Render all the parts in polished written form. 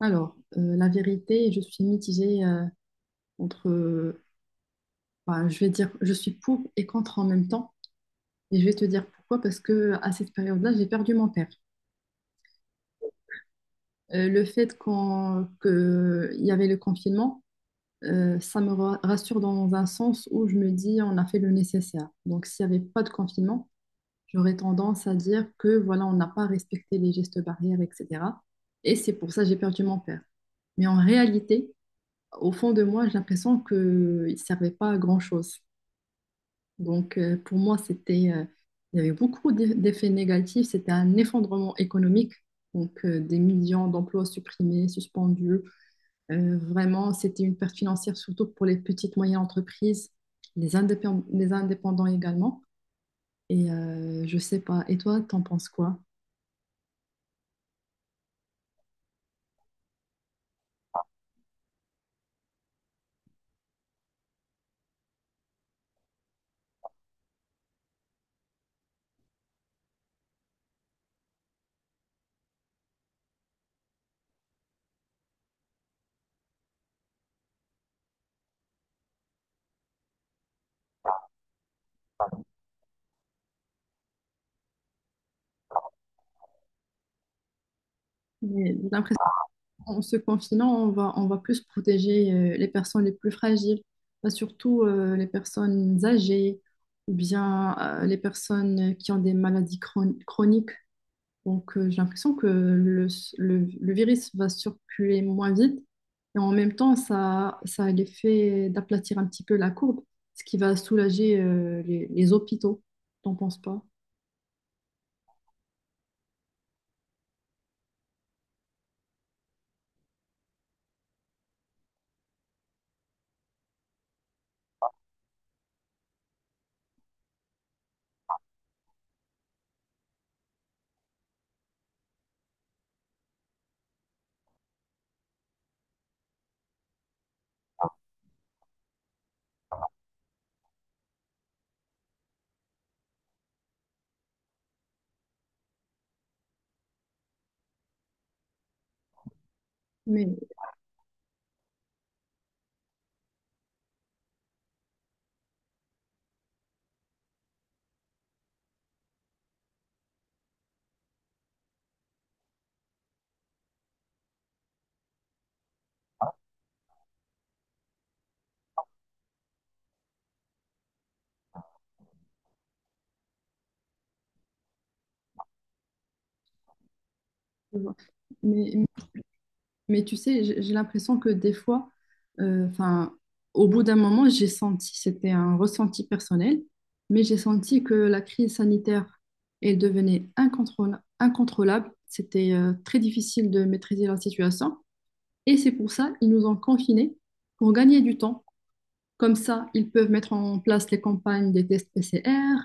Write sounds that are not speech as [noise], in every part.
La vérité, je suis mitigée, entre, euh, je vais dire, je suis pour et contre en même temps. Et je vais te dire pourquoi, parce que à cette période-là, j'ai perdu mon père. Le fait que il y avait le confinement, ça me rassure dans un sens où je me dis, on a fait le nécessaire. Donc, s'il n'y avait pas de confinement, j'aurais tendance à dire que voilà, on n'a pas respecté les gestes barrières, etc. Et c'est pour ça que j'ai perdu mon père. Mais en réalité, au fond de moi, j'ai l'impression qu'il ne servait pas à grand-chose. Pour moi, il y avait beaucoup d'effets négatifs. C'était un effondrement économique. Donc, des millions d'emplois supprimés, suspendus. Vraiment, c'était une perte financière, surtout pour les petites, moyennes entreprises, les indépendants également. Je sais pas. Et toi, t'en penses quoi? J'ai l'impression en se confinant, on va plus protéger les personnes les plus fragiles. Bah, surtout les personnes âgées ou bien les personnes qui ont des maladies chroniques. J'ai l'impression que le virus va circuler moins vite, et en même temps, ça a l'effet d'aplatir un petit peu la courbe, ce qui va soulager les hôpitaux. T'en penses pas? Mais, euh, mais, Mais tu sais, j'ai l'impression que des fois, euh, enfin, au bout d'un moment, j'ai senti, c'était un ressenti personnel, mais j'ai senti que la crise sanitaire, elle devenait incontrôlable. C'était très difficile de maîtriser la situation. Et c'est pour ça qu'ils nous ont confinés pour gagner du temps. Comme ça, ils peuvent mettre en place les campagnes des tests PCR,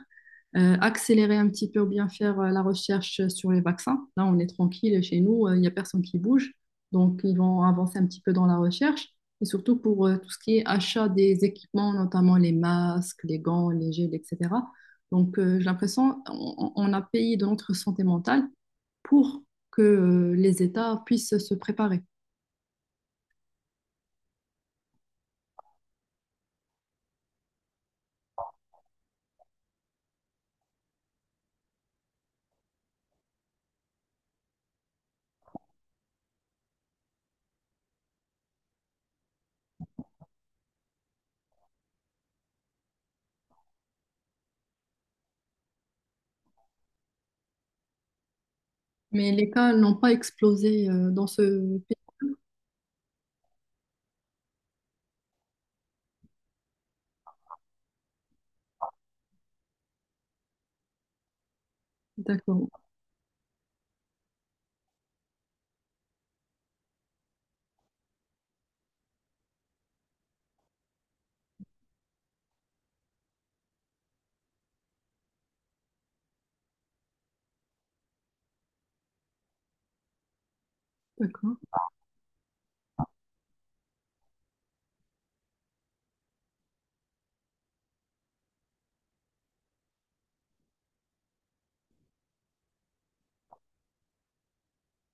accélérer un petit peu ou bien faire la recherche sur les vaccins. Là, on est tranquille chez nous, il n'y a personne qui bouge. Donc, ils vont avancer un petit peu dans la recherche. Et surtout pour tout ce qui est achat des équipements, notamment les masques, les gants, les gels, etc. J'ai l'impression on a payé de notre santé mentale pour que les États puissent se préparer. Mais les cas n'ont pas explosé dans ce pays. D'accord, d'accord.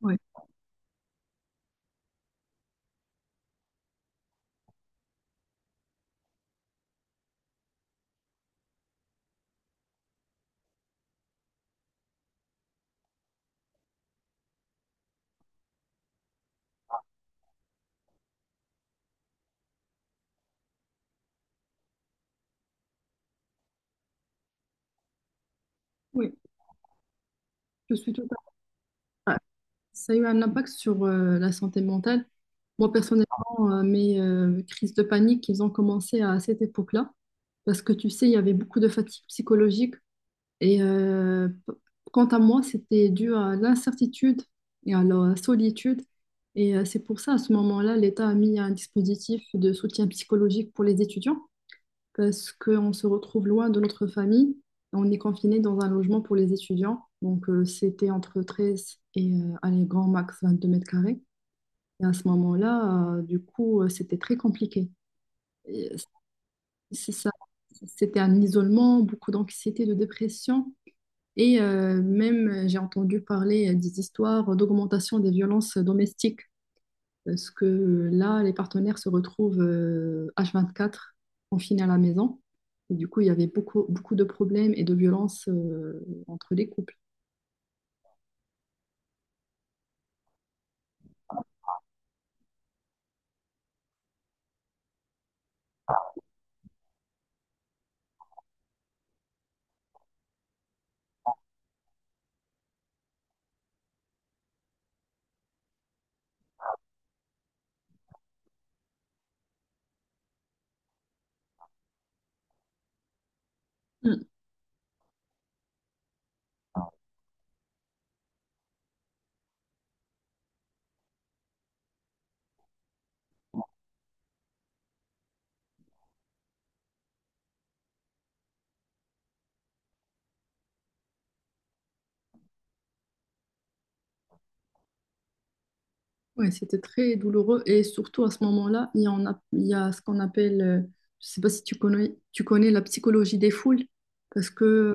Oui, oui, je suis totalement. Ah, ça a eu un impact sur la santé mentale. Moi, personnellement, mes crises de panique, ils ont commencé à cette époque-là, parce que tu sais, il y avait beaucoup de fatigue psychologique. Et euh, p- Quant à moi, c'était dû à l'incertitude et à la solitude. C'est pour ça, à ce moment-là, l'État a mis un dispositif de soutien psychologique pour les étudiants, parce qu'on se retrouve loin de notre famille. On est confiné dans un logement pour les étudiants. C'était entre 13 et, allez, grand max 22 m². Et à ce moment-là, du coup, c'était très compliqué. Et C'est ça. C'était un isolement, beaucoup d'anxiété, de dépression. Même, j'ai entendu parler des histoires d'augmentation des violences domestiques. Parce que là, les partenaires se retrouvent H24 confinés à la maison. Et du coup, il y avait beaucoup, beaucoup de problèmes et de violences entre les couples. Mm. Ouais, c'était très douloureux. Et surtout, à ce moment-là, il y a ce qu'on appelle, je ne sais pas si tu connais, tu connais la psychologie des foules, parce que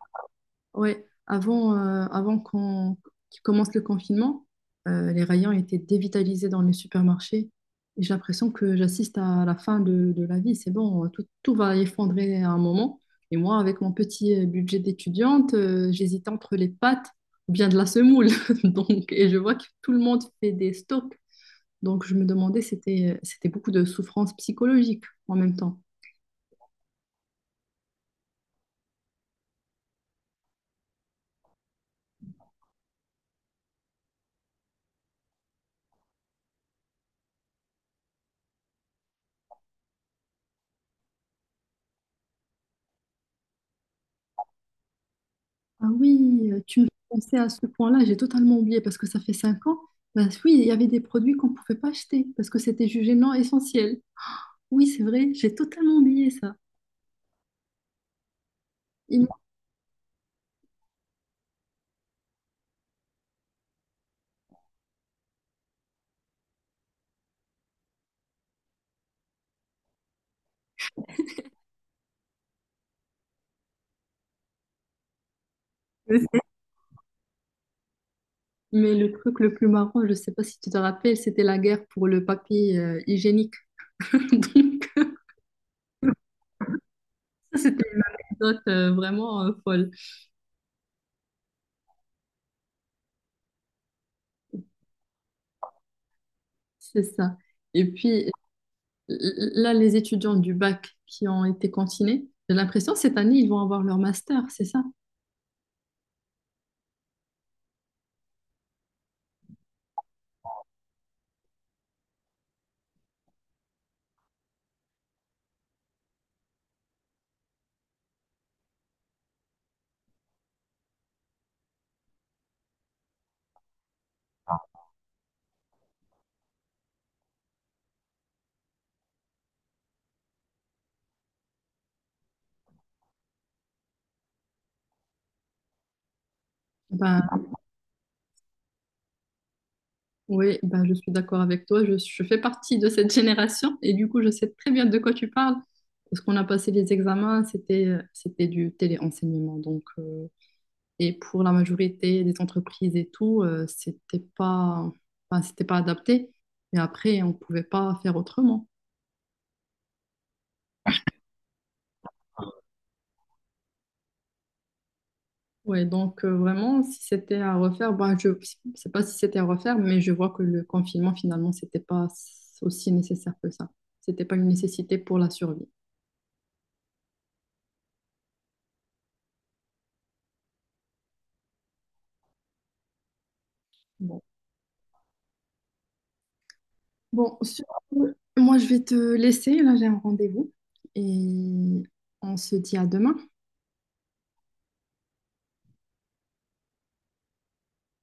ouais, avant qu'il commence le confinement, les rayons étaient dévitalisés dans les supermarchés. Et j'ai l'impression que j'assiste à la fin de la vie. C'est bon, tout va effondrer à un moment. Et moi, avec mon petit budget d'étudiante, j'hésitais entre les pâtes ou bien de la semoule. [laughs] Et je vois que tout le monde fait des stocks. Donc, je me demandais, c'était beaucoup de souffrance psychologique en même temps. Ah oui, tu me fais penser à ce point-là, j'ai totalement oublié parce que ça fait 5 ans. Ben oui, il y avait des produits qu'on ne pouvait pas acheter parce que c'était jugé non essentiel. Oui, c'est vrai, j'ai totalement oublié ça. Il me le fait. Mais le truc le plus marrant, je ne sais pas si tu te rappelles, c'était la guerre pour le papier hygiénique. [laughs] Donc, euh, Ça, c'était une anecdote vraiment folle. C'est ça. Et puis, là, les étudiants du bac qui ont été cantinés, j'ai l'impression cette année, ils vont avoir leur master, c'est ça? Ben, oui, bah, je suis d'accord avec toi. Je fais partie de cette génération et du coup, je sais très bien de quoi tu parles parce qu'on a passé les examens, c'était du téléenseignement. Et pour la majorité des entreprises et tout, c'était pas adapté. Mais après, on pouvait pas faire autrement. Vraiment, si c'était à refaire, bah, je ne sais pas si c'était à refaire, mais je vois que le confinement, finalement, c'était pas aussi nécessaire que ça. C'était pas une nécessité pour la survie. Bon. Bon, sur- Moi je vais te laisser, là j'ai un rendez-vous et on se dit à demain.